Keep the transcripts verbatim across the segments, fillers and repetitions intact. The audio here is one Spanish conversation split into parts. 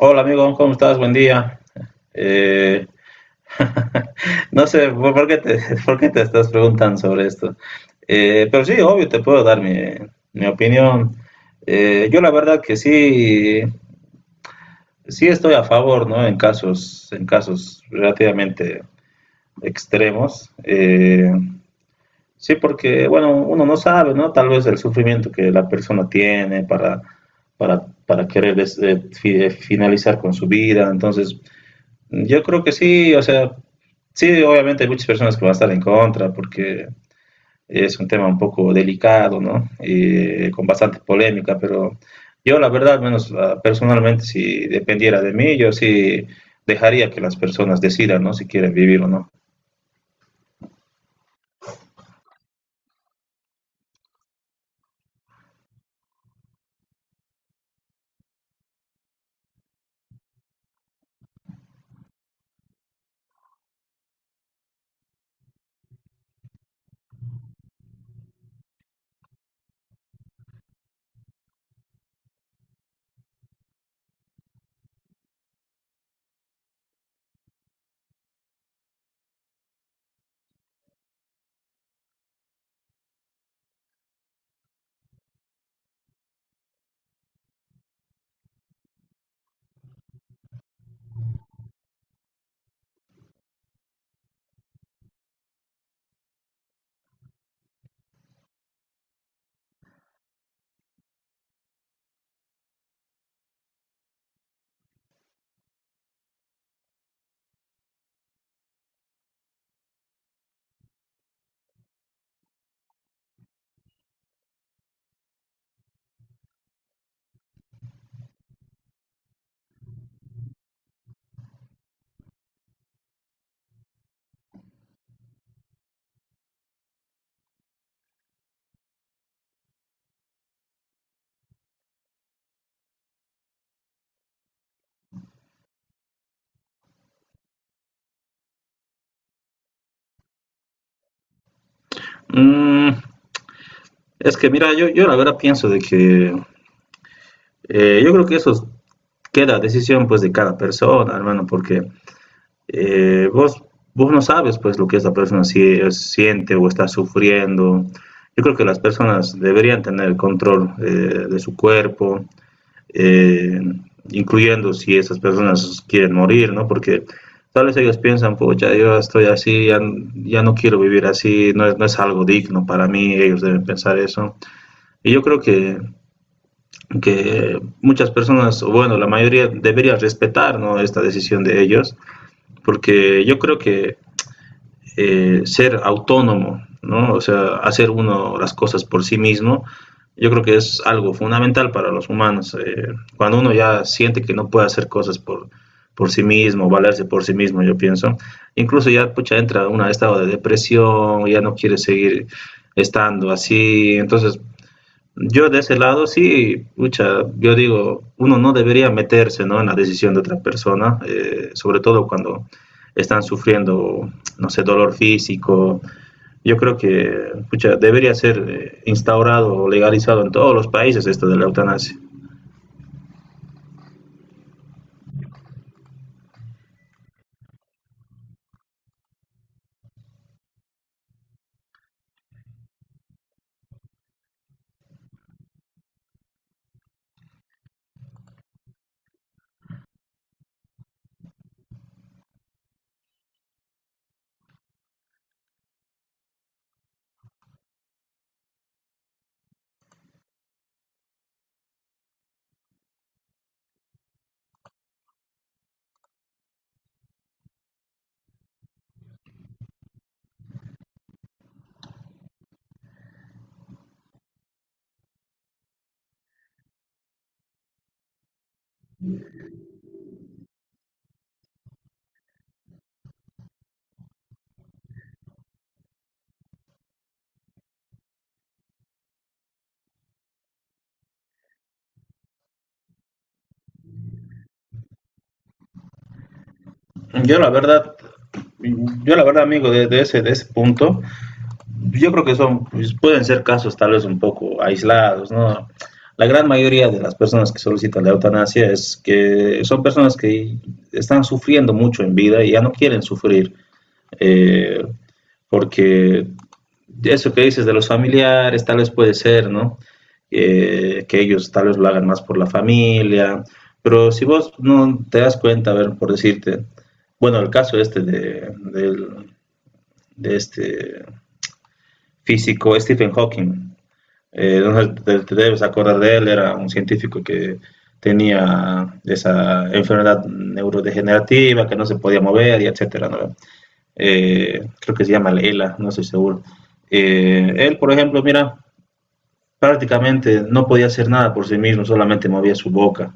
Hola amigo, ¿cómo estás? Buen día. Eh, no sé por por qué te, por qué te estás preguntando sobre esto. Eh, pero sí, obvio, te puedo dar mi, mi opinión. Eh, yo la verdad que sí, sí estoy a favor, ¿no? En casos, en casos relativamente extremos. Eh, sí, porque, bueno, uno no sabe, ¿no? Tal vez el sufrimiento que la persona tiene para, para, para querer des- eh, fi- eh, finalizar con su vida. Entonces, yo creo que sí, o sea, sí, obviamente hay muchas personas que van a estar en contra porque es un tema un poco delicado, ¿no? Y con bastante polémica, pero yo la verdad, al menos ah, personalmente, si dependiera de mí, yo sí dejaría que las personas decidan, ¿no? Si quieren vivir o no. Mm, es que mira, yo, yo la verdad pienso de que eh, yo creo que eso queda a decisión pues de cada persona, hermano, porque eh, vos, vos no sabes pues lo que esa persona si, eh, siente o está sufriendo. Yo creo que las personas deberían tener el control eh, de su cuerpo, eh, incluyendo si esas personas quieren morir, ¿no? Porque tal vez ellos piensan, pucha, yo estoy así, ya, ya no quiero vivir así, no es, no es algo digno para mí, ellos deben pensar eso. Y yo creo que, que muchas personas, bueno, la mayoría debería respetar, ¿no?, esta decisión de ellos, porque yo creo que eh, ser autónomo, ¿no? O sea, hacer uno las cosas por sí mismo, yo creo que es algo fundamental para los humanos. Eh, cuando uno ya siente que no puede hacer cosas por, por sí mismo, valerse por sí mismo, yo pienso, incluso ya pucha, entra en un estado de depresión, ya no quiere seguir estando así, entonces yo de ese lado sí, pucha, yo digo, uno no debería meterse, ¿no?, en la decisión de otra persona, eh, sobre todo cuando están sufriendo, no sé, dolor físico. Yo creo que pucha, debería ser eh, instaurado o legalizado en todos los países esto de la eutanasia. Yo la verdad, yo la verdad, amigo, de, de ese, de ese punto, yo creo que son, pues, pueden ser casos tal vez un poco aislados, ¿no? La gran mayoría de las personas que solicitan la eutanasia es que son personas que están sufriendo mucho en vida y ya no quieren sufrir. eh, Porque eso que dices de los familiares tal vez puede ser, ¿no? Eh, que ellos tal vez lo hagan más por la familia, pero si vos no te das cuenta, a ver, por decirte, bueno, el caso este de, de, de este físico Stephen Hawking. Eh, no te, te debes acordar de él, era un científico que tenía esa enfermedad neurodegenerativa que no se podía mover y etcétera, ¿no? Eh, creo que se llama Leila, no estoy seguro. Eh, él, por ejemplo, mira, prácticamente no podía hacer nada por sí mismo, solamente movía su boca.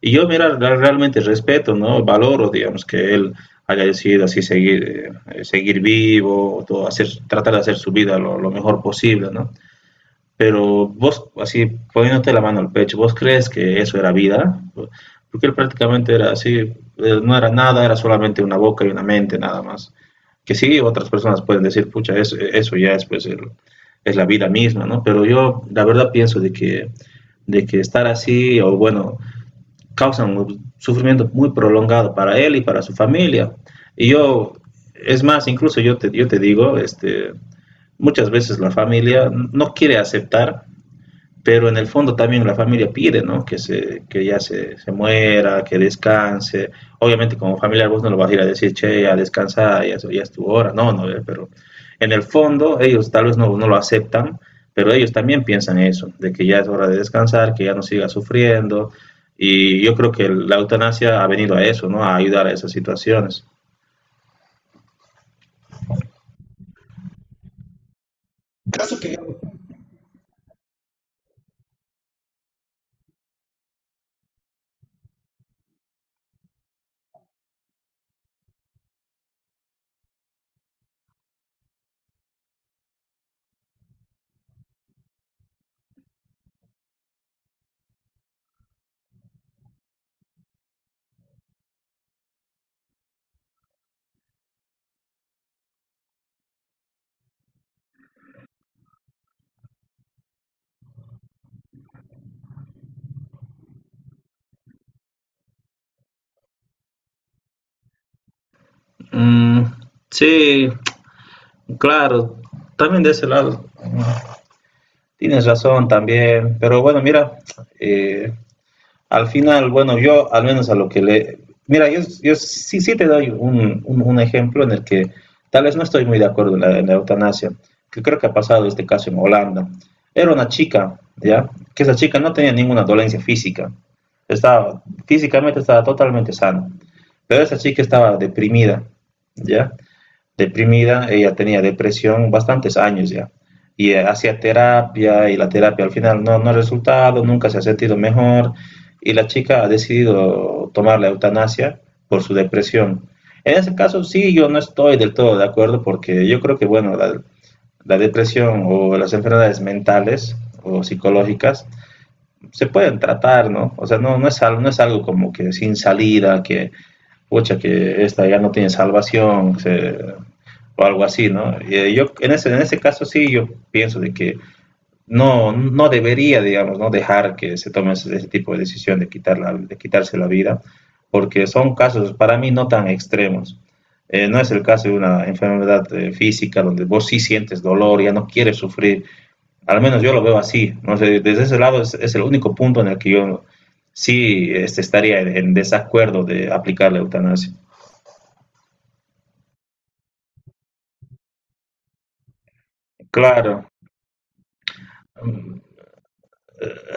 Y yo, mira, realmente respeto, ¿no? Valoro, digamos, que él haya decidido así seguir, eh, seguir vivo, todo, hacer, tratar de hacer su vida lo, lo mejor posible, ¿no? Pero vos, así poniéndote la mano al pecho, ¿vos crees que eso era vida? Porque él prácticamente era así, eh, no era nada, era solamente una boca y una mente nada más. Que sí, otras personas pueden decir, pucha, eso, eso ya es, pues, el- es la vida misma, ¿no? Pero yo la verdad pienso de que, de que estar así, o bueno, causan un sufrimiento muy prolongado para él y para su familia. Y yo, es más, incluso yo te, yo te digo, este, muchas veces la familia no quiere aceptar pero en el fondo también la familia pide, ¿no? Que, se, que ya se, se muera, que descanse. Obviamente como familiar vos no lo vas a ir a decir, che, ya descansa, ya, ya es tu hora, no, no, eh, pero en el fondo ellos tal vez no, no lo aceptan, pero ellos también piensan eso, de que ya es hora de descansar, que ya no siga sufriendo, y yo creo que la eutanasia ha venido a eso, ¿no? A ayudar a esas situaciones. Mm, sí, claro, también de ese lado. Tienes razón también, pero bueno, mira, eh, al final, bueno, yo al menos a lo que le... Mira, yo, yo sí, sí te doy un, un, un ejemplo en el que tal vez no estoy muy de acuerdo en la, en la, eutanasia, que creo que ha pasado este caso en Holanda. Era una chica, ¿ya? Que esa chica no tenía ninguna dolencia física. Estaba, físicamente estaba totalmente sana, pero esa chica estaba deprimida, ¿ya? Deprimida, ella tenía depresión bastantes años ya. Y eh, hacía terapia y la terapia al final no, no ha resultado, nunca se ha sentido mejor y la chica ha decidido tomar la eutanasia por su depresión. En ese caso sí, yo no estoy del todo de acuerdo porque yo creo que, bueno, la, la depresión o las enfermedades mentales o psicológicas se pueden tratar, ¿no? O sea, no, no, es, algo, no es algo como que sin salida, que pucha, que esta ya no tiene salvación, se, o algo así, ¿no? Eh, yo en ese, en ese caso sí, yo pienso de que no, no debería, digamos, no dejar que se tome ese, ese tipo de decisión de, quitar la, de quitarse la vida, porque son casos para mí no tan extremos. Eh, no es el caso de una enfermedad eh, física donde vos sí sientes dolor, ya no quieres sufrir. Al menos yo lo veo así, ¿no? Sé, desde ese lado es, es el único punto en el que yo sí este, estaría en, en desacuerdo de aplicar la eutanasia. Claro, mm,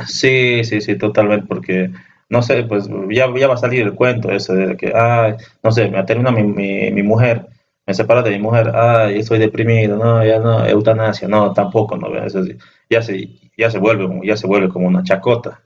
sí, sí, sí, totalmente, porque, no sé, pues ya, ya va a salir el cuento ese de que, ah, no sé, me termina mi, mi, mi mujer, me separa de mi mujer, ay, estoy deprimido, no, ya no, eutanasia, no, tampoco, no, ve, eso sí, ya se, ya se vuelve, un- ya se vuelve como una chacota.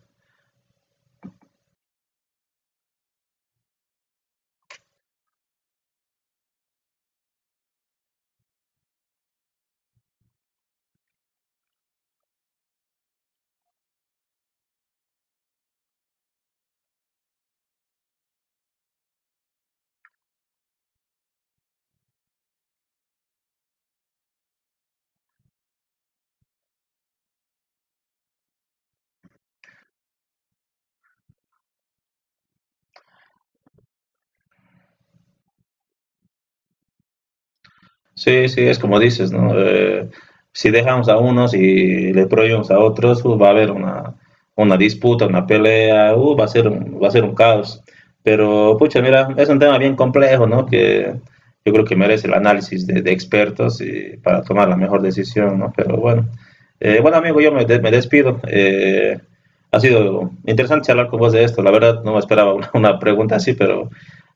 Sí, sí, es como dices, ¿no? Eh, si dejamos a unos y le prohibimos a otros, uh, va a haber una, una disputa, una pelea, uh, va a ser un, va a ser un caos. Pero, pucha, mira, es un tema bien complejo, ¿no? Que yo creo que merece el análisis de, de expertos y para tomar la mejor decisión, ¿no? Pero bueno, Eh, bueno, amigo, yo me, de- me despido. Eh, ha sido interesante charlar con vos de esto. La verdad, no me esperaba una, una pregunta así, pero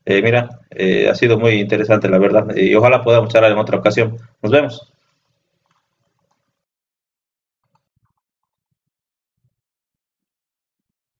eh, mira, eh, ha sido muy interesante, la verdad, y ojalá podamos charlar en otra ocasión. Nos vemos.